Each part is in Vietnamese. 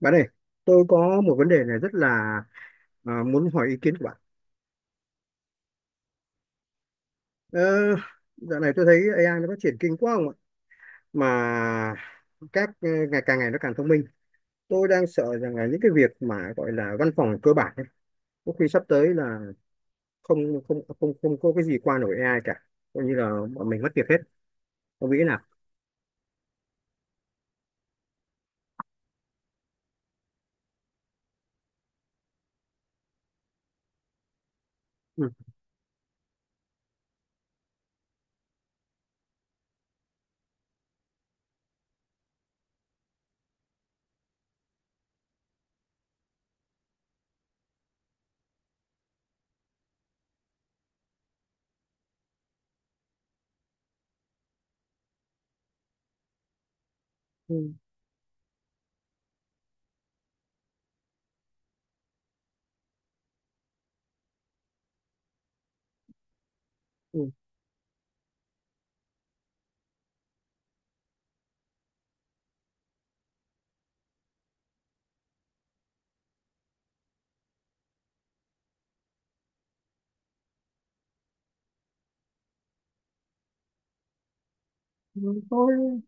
Bạn ơi, tôi có một vấn đề này rất là muốn hỏi ý kiến của bạn. Ờ, dạo này tôi thấy AI nó phát triển kinh quá không ạ? Mà các ngày càng ngày nó càng thông minh. Tôi đang sợ rằng là những cái việc mà gọi là văn phòng cơ bản ấy, có khi sắp tới là không không không không có cái gì qua nổi AI cả. Coi như là bọn mình mất việc hết. Ông nghĩ thế nào? Ừ. Ừ. Ừ. Ừ, tôi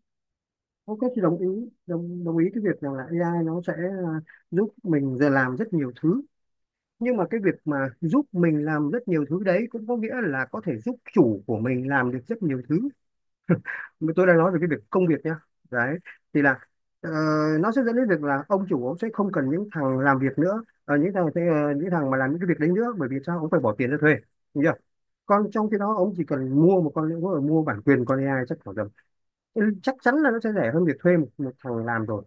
ok thì đồng ý, đồng đồng ý cái việc rằng là AI nó sẽ giúp mình giờ làm rất nhiều thứ, nhưng mà cái việc mà giúp mình làm rất nhiều thứ đấy cũng có nghĩa là có thể giúp chủ của mình làm được rất nhiều thứ, mà tôi đang nói về cái việc công việc nha. Đấy thì là, ờ, nó sẽ dẫn đến việc là ông chủ ông sẽ không cần những thằng làm việc nữa, những thằng mà làm những cái việc đấy nữa, bởi vì sao ông phải bỏ tiền ra thuê? Đúng chưa? Còn trong khi đó ông chỉ cần mua một con, mua bản quyền con AI chắc khoảng tầm chắc chắn là nó sẽ rẻ hơn việc thuê một thằng làm rồi.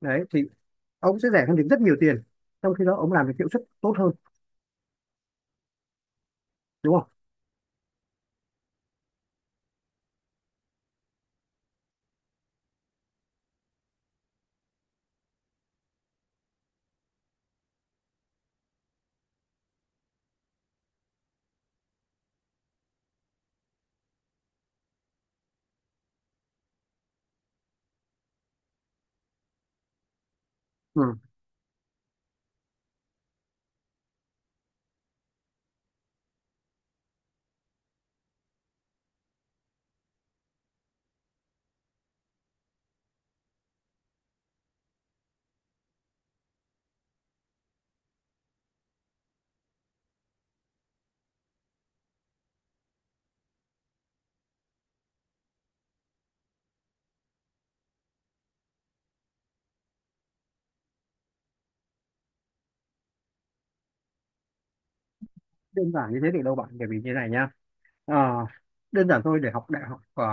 Đấy thì ông sẽ rẻ hơn được rất nhiều tiền, trong khi đó ông làm được hiệu suất tốt hơn, đúng không? Ừ. Đơn giản như thế được đâu bạn, bởi vì như này nhá. Ờ, đơn giản thôi, để học đại học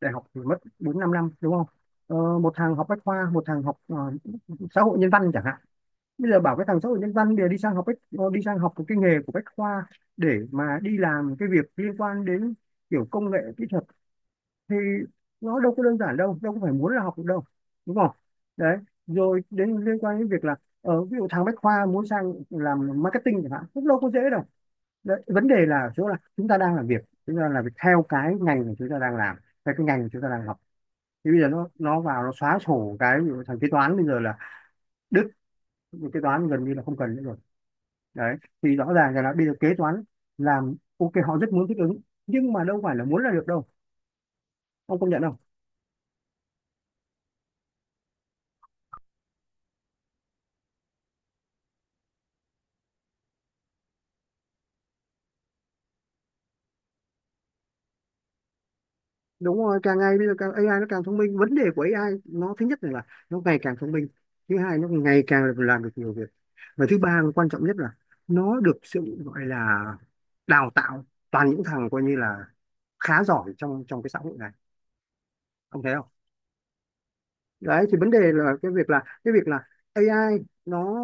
đại học thì mất 4, 5 năm, đúng không? Một thằng học bách khoa, một thằng học xã hội nhân văn chẳng hạn, bây giờ bảo cái thằng xã hội nhân văn để đi sang học đi sang học một cái nghề của bách khoa để mà đi làm cái việc liên quan đến kiểu công nghệ kỹ thuật, thì nó đâu có đơn giản đâu, đâu có phải muốn là học được đâu, đúng không? Đấy. Rồi đến liên quan đến việc là ở ví dụ thằng bách khoa muốn sang làm marketing chẳng hạn cũng đâu có dễ đâu. Đấy, vấn đề là ở chỗ là chúng ta đang làm việc, chúng ta làm việc theo cái ngành mà chúng ta đang làm, theo cái ngành mà chúng ta đang học. Thì bây giờ nó vào nó xóa sổ cái ví dụ thằng kế toán bây giờ là đứt, kế toán gần như là không cần nữa rồi. Đấy thì rõ ràng là bây giờ kế toán làm ok, họ rất muốn thích ứng nhưng mà đâu phải là muốn là được đâu, ông công nhận không? Đúng rồi, càng ngày bây giờ càng AI nó càng thông minh. Vấn đề của AI nó thứ nhất là nó ngày càng thông minh, thứ hai nó ngày càng làm được nhiều việc, và thứ ba quan trọng nhất là nó được sự gọi là đào tạo toàn những thằng coi như là khá giỏi trong trong cái xã hội này, ông thấy không? Đấy thì vấn đề là cái việc là cái việc là AI nó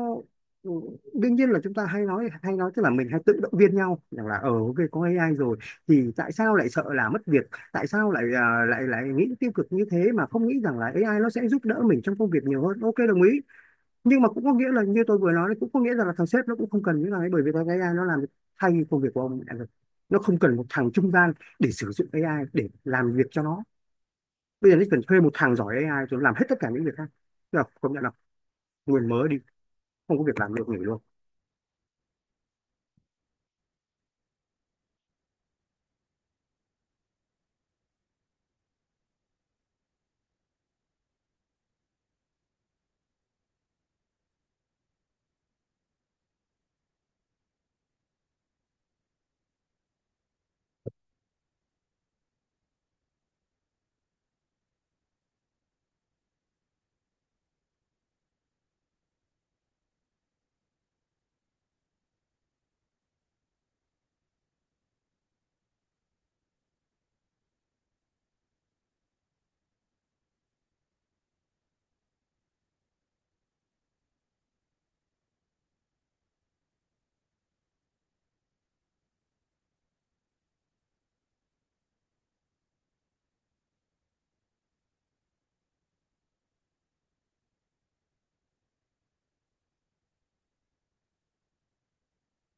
ừ, đương nhiên là chúng ta hay nói tức là mình hay tự động viên nhau rằng là ok có AI rồi thì tại sao lại sợ là mất việc, tại sao lại à, lại lại nghĩ tiêu cực như thế mà không nghĩ rằng là AI nó sẽ giúp đỡ mình trong công việc nhiều hơn, ok đồng ý. Nhưng mà cũng có nghĩa là như tôi vừa nói đấy, cũng có nghĩa rằng là thằng sếp nó cũng không cần những thằng ấy, bởi vì thằng AI nó làm thay công việc của ông đã được. Nó không cần một thằng trung gian để sử dụng AI để làm việc cho nó, bây giờ nó cần thuê một thằng giỏi AI rồi làm hết tất cả những việc khác, được công nhận là nguồn mới đi, không có việc làm được nghỉ luôn.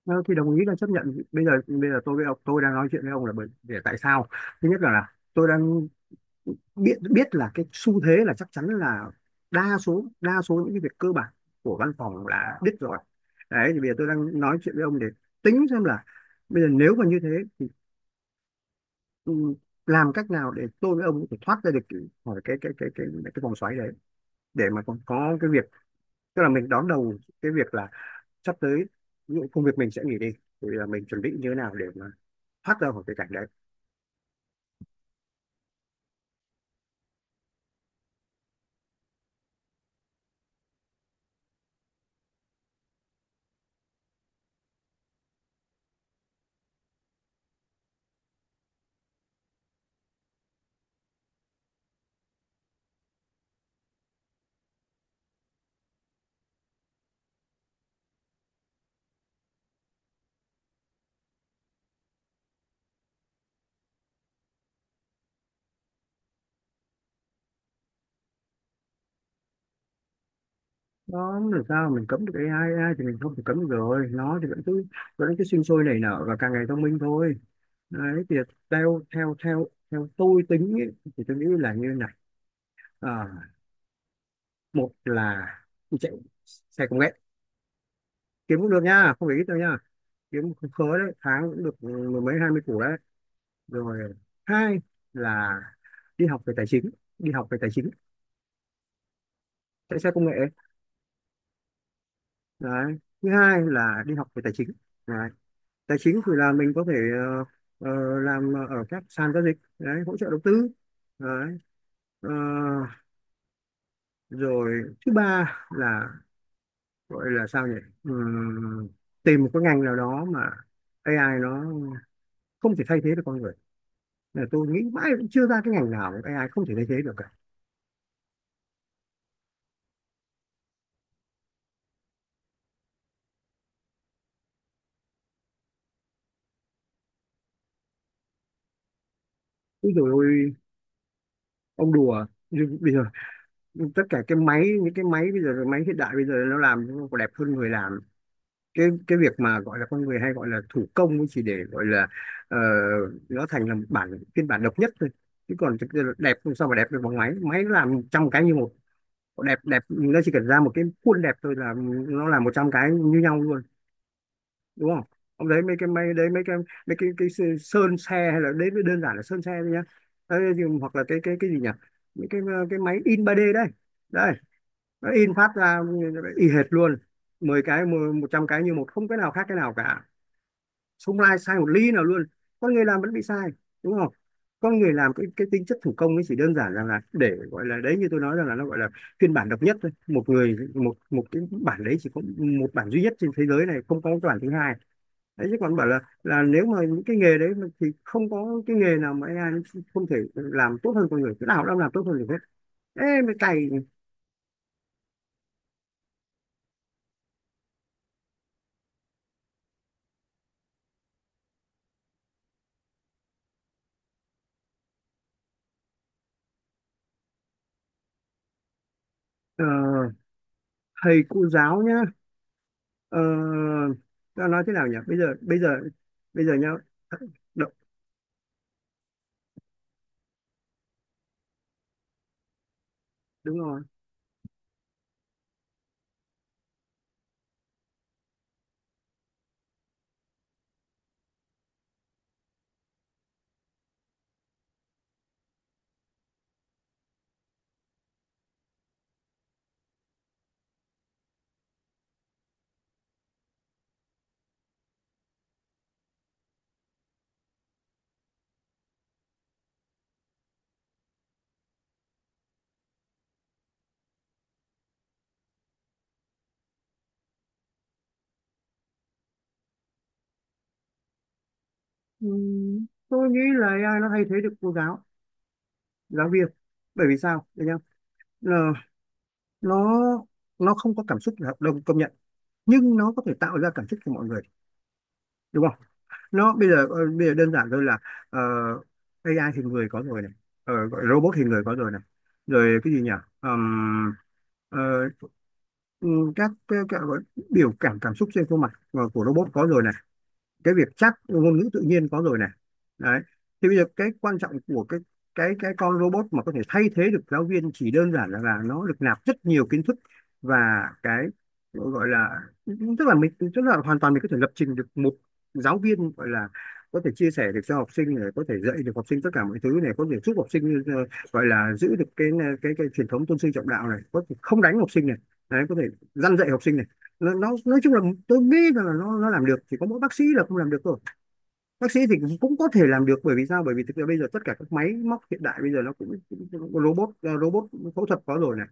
Ờ, thì đồng ý là chấp nhận. Bây giờ tôi với ông, tôi đang nói chuyện với ông là bởi để tại sao? Thứ nhất là tôi đang biết biết là cái xu thế là chắc chắn là đa số, đa số những cái việc cơ bản của văn phòng là biết rồi. Đấy thì bây giờ tôi đang nói chuyện với ông để tính xem là bây giờ nếu mà như thế thì ừ, làm cách nào để tôi với ông có thể thoát ra được khỏi cái vòng xoáy đấy để mà còn có cái việc, tức là mình đón đầu cái việc là sắp tới những công việc mình sẽ nghỉ đi thì là mình chuẩn bị như thế nào để mà thoát ra khỏi cái cảnh đấy. Nó làm sao mà mình cấm được AI? AI thì mình không thể cấm được rồi, nó thì vẫn cứ sinh sôi nảy nở và càng ngày thông minh thôi. Đấy thì theo theo theo theo tôi tính ấy, thì tôi nghĩ là như này. Ờ, một là chạy xe công nghệ, kiếm cũng được nha, không phải ít đâu nha, kiếm không khớ đấy, tháng cũng được 10 mấy, 20 củ đấy. Rồi hai là đi học về tài chính. Đi học về tài chính. Chạy xe công nghệ. Đấy thứ hai là đi học về tài chính. Đấy, tài chính thì là mình có thể ờ, làm ở các sàn giao dịch đấy, hỗ trợ đầu tư. Đấy. Ờ, rồi thứ ba là gọi là sao nhỉ? Ừm, tìm một cái ngành nào đó mà AI nó không thể thay thế được con người, là tôi nghĩ mãi cũng chưa ra cái ngành nào mà AI không thể thay thế được cả. Úi dồi ôi, ông đùa. Nhưng bây giờ tất cả cái máy, những cái máy bây giờ, cái máy hiện đại bây giờ nó làm nó còn đẹp hơn người làm. Cái việc mà gọi là con người hay gọi là thủ công ấy chỉ để gọi là ờ, nó thành là một bản phiên bản độc nhất thôi, chứ còn thực ra là đẹp không sao mà đẹp được bằng máy, máy nó làm trăm cái như một. Đẹp đẹp nó chỉ cần ra một cái khuôn đẹp thôi là nó làm 100 cái như nhau luôn, đúng không? Ông đấy mấy cái máy đấy, mấy cái, mấy cái sơn xe hay là đấy mới đơn giản là sơn xe thôi nhá. Đấy, hoặc là cái gì nhỉ? Mấy cái cái máy in 3D đây, đây nó in phát ra y hệt luôn. 10 cái, 100 cái như một, không cái nào khác cái nào cả, không ai sai một ly nào luôn. Con người làm vẫn bị sai, đúng không? Con người làm cái tính chất thủ công ấy chỉ đơn giản rằng là để gọi là đấy, như tôi nói rằng là nó gọi là phiên bản độc nhất thôi, một người một, một cái bản đấy chỉ có một bản duy nhất trên thế giới này, không có cái bản thứ hai. Đấy chứ còn bảo là nếu mà những cái nghề đấy mà thì không có cái nghề nào mà AI nó không thể làm tốt hơn con người, cái nào cũng làm tốt hơn được hết. Ê mấy cày. ờ, thầy cô giáo nhá. ờ, ta nói thế nào nhỉ, bây giờ nhá. Đúng rồi. Ừ, tôi nghĩ là AI nó thay thế được cô giáo giáo viên, bởi vì sao để nhá. Ờ, nó nó không có cảm xúc là đồng công nhận, nhưng nó có thể tạo ra cảm xúc cho mọi người, đúng không? Nó bây giờ bây giờ đơn giản thôi là ờ, AI thì người có rồi này, gọi robot thì người có rồi này. Rồi cái gì nhỉ? Ờm, ờ, ừ, các biểu cảm cảm xúc trên khuôn mặt của robot có rồi này. Cái việc chắc ngôn ngữ tự nhiên có rồi này. Đấy thì bây giờ cái quan trọng của cái con robot mà có thể thay thế được giáo viên chỉ đơn giản là nó được nạp rất nhiều kiến thức, và cái gọi là tức là mình, tức là hoàn toàn mình có thể lập trình được một giáo viên gọi là có thể chia sẻ được cho học sinh này, có thể dạy được học sinh tất cả mọi thứ này, có thể giúp học sinh gọi là giữ được cái truyền thống tôn sư trọng đạo này, có thể không đánh học sinh này. Đấy có thể răn dạy học sinh này. Nó nói chung là tôi nghĩ rằng là nó làm được, chỉ có mỗi bác sĩ là không làm được thôi. Bác sĩ thì cũng có thể làm được, bởi vì sao, bởi vì thực ra bây giờ tất cả các máy móc hiện đại bây giờ nó cũng robot robot phẫu thuật có rồi này.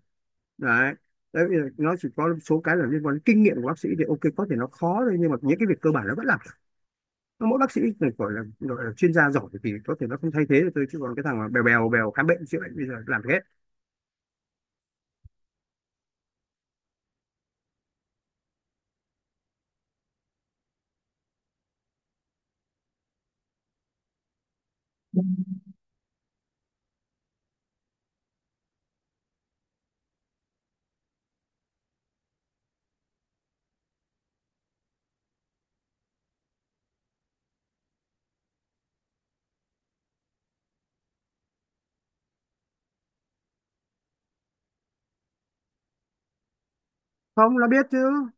Đấy. Đấy. Nó chỉ có số cái là liên quan đến kinh nghiệm của bác sĩ thì ok có thể nó khó thôi, nhưng mà những cái việc cơ bản nó vẫn làm. Mỗi bác sĩ này gọi là chuyên gia giỏi thì có thể nó không thay thế được tôi, chứ còn cái thằng mà bèo bèo bèo khám bệnh chữa bệnh bây giờ làm được hết. Không, nó biết chứ,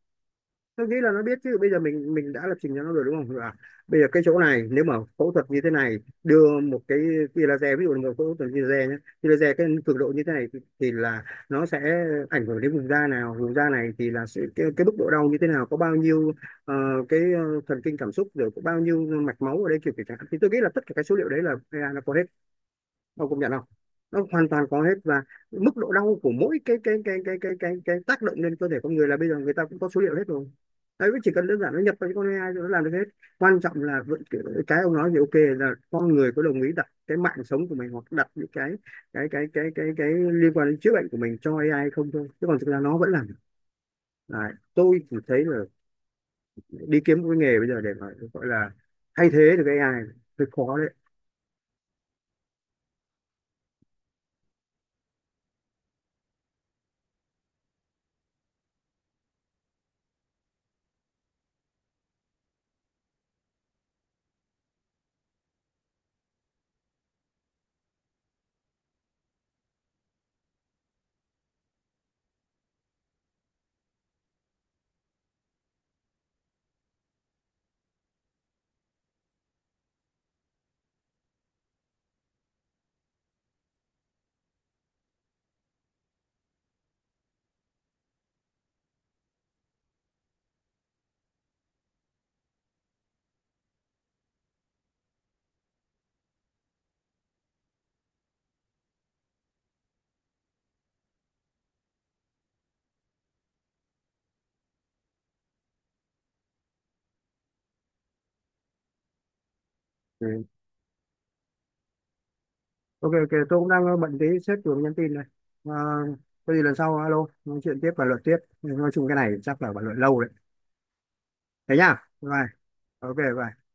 tôi nghĩ là nó biết chứ. Bây giờ mình đã lập trình cho nó rồi đúng không, là bây giờ cái chỗ này nếu mà phẫu thuật như thế này, đưa một cái tia laser, ví dụ là một phẫu thuật tia laser nhé, tia laser cái cường độ như thế này thì là nó sẽ ảnh hưởng đến vùng da nào, vùng da này thì là sự, cái mức độ đau như thế nào, có bao nhiêu ờ, cái thần kinh cảm xúc, rồi có bao nhiêu mạch máu ở đây kiểu kiểu chẳng hạn. Thì tôi nghĩ là tất cả cái số liệu đấy là AI nó có hết, ông công nhận không? Nó hoàn toàn có hết, và mức độ đau của mỗi cái tác động lên cơ thể con người là bây giờ người ta cũng có số liệu hết rồi. Đấy chỉ cần đơn giản nó nhập vào cái con AI rồi nó làm được hết. Quan trọng là vẫn cái ông nói thì ok là con người có đồng ý đặt cái mạng sống của mình hoặc đặt những liên quan đến chữa bệnh của mình cho AI không thôi, chứ còn thực ra nó vẫn làm được. Đấy. Tôi chỉ thấy là đi kiếm một cái nghề bây giờ để mà gọi là thay thế được cái AI hơi khó đấy. Ừ. Ok ok, tôi cũng đang bận tí, sếp vừa nhắn tin này. À, có gì lần sau alo nói chuyện tiếp và luận tiếp. Nói chung cái này chắc là bàn luận lâu đấy. Thế nhá. Bye. Bye. Ok bye.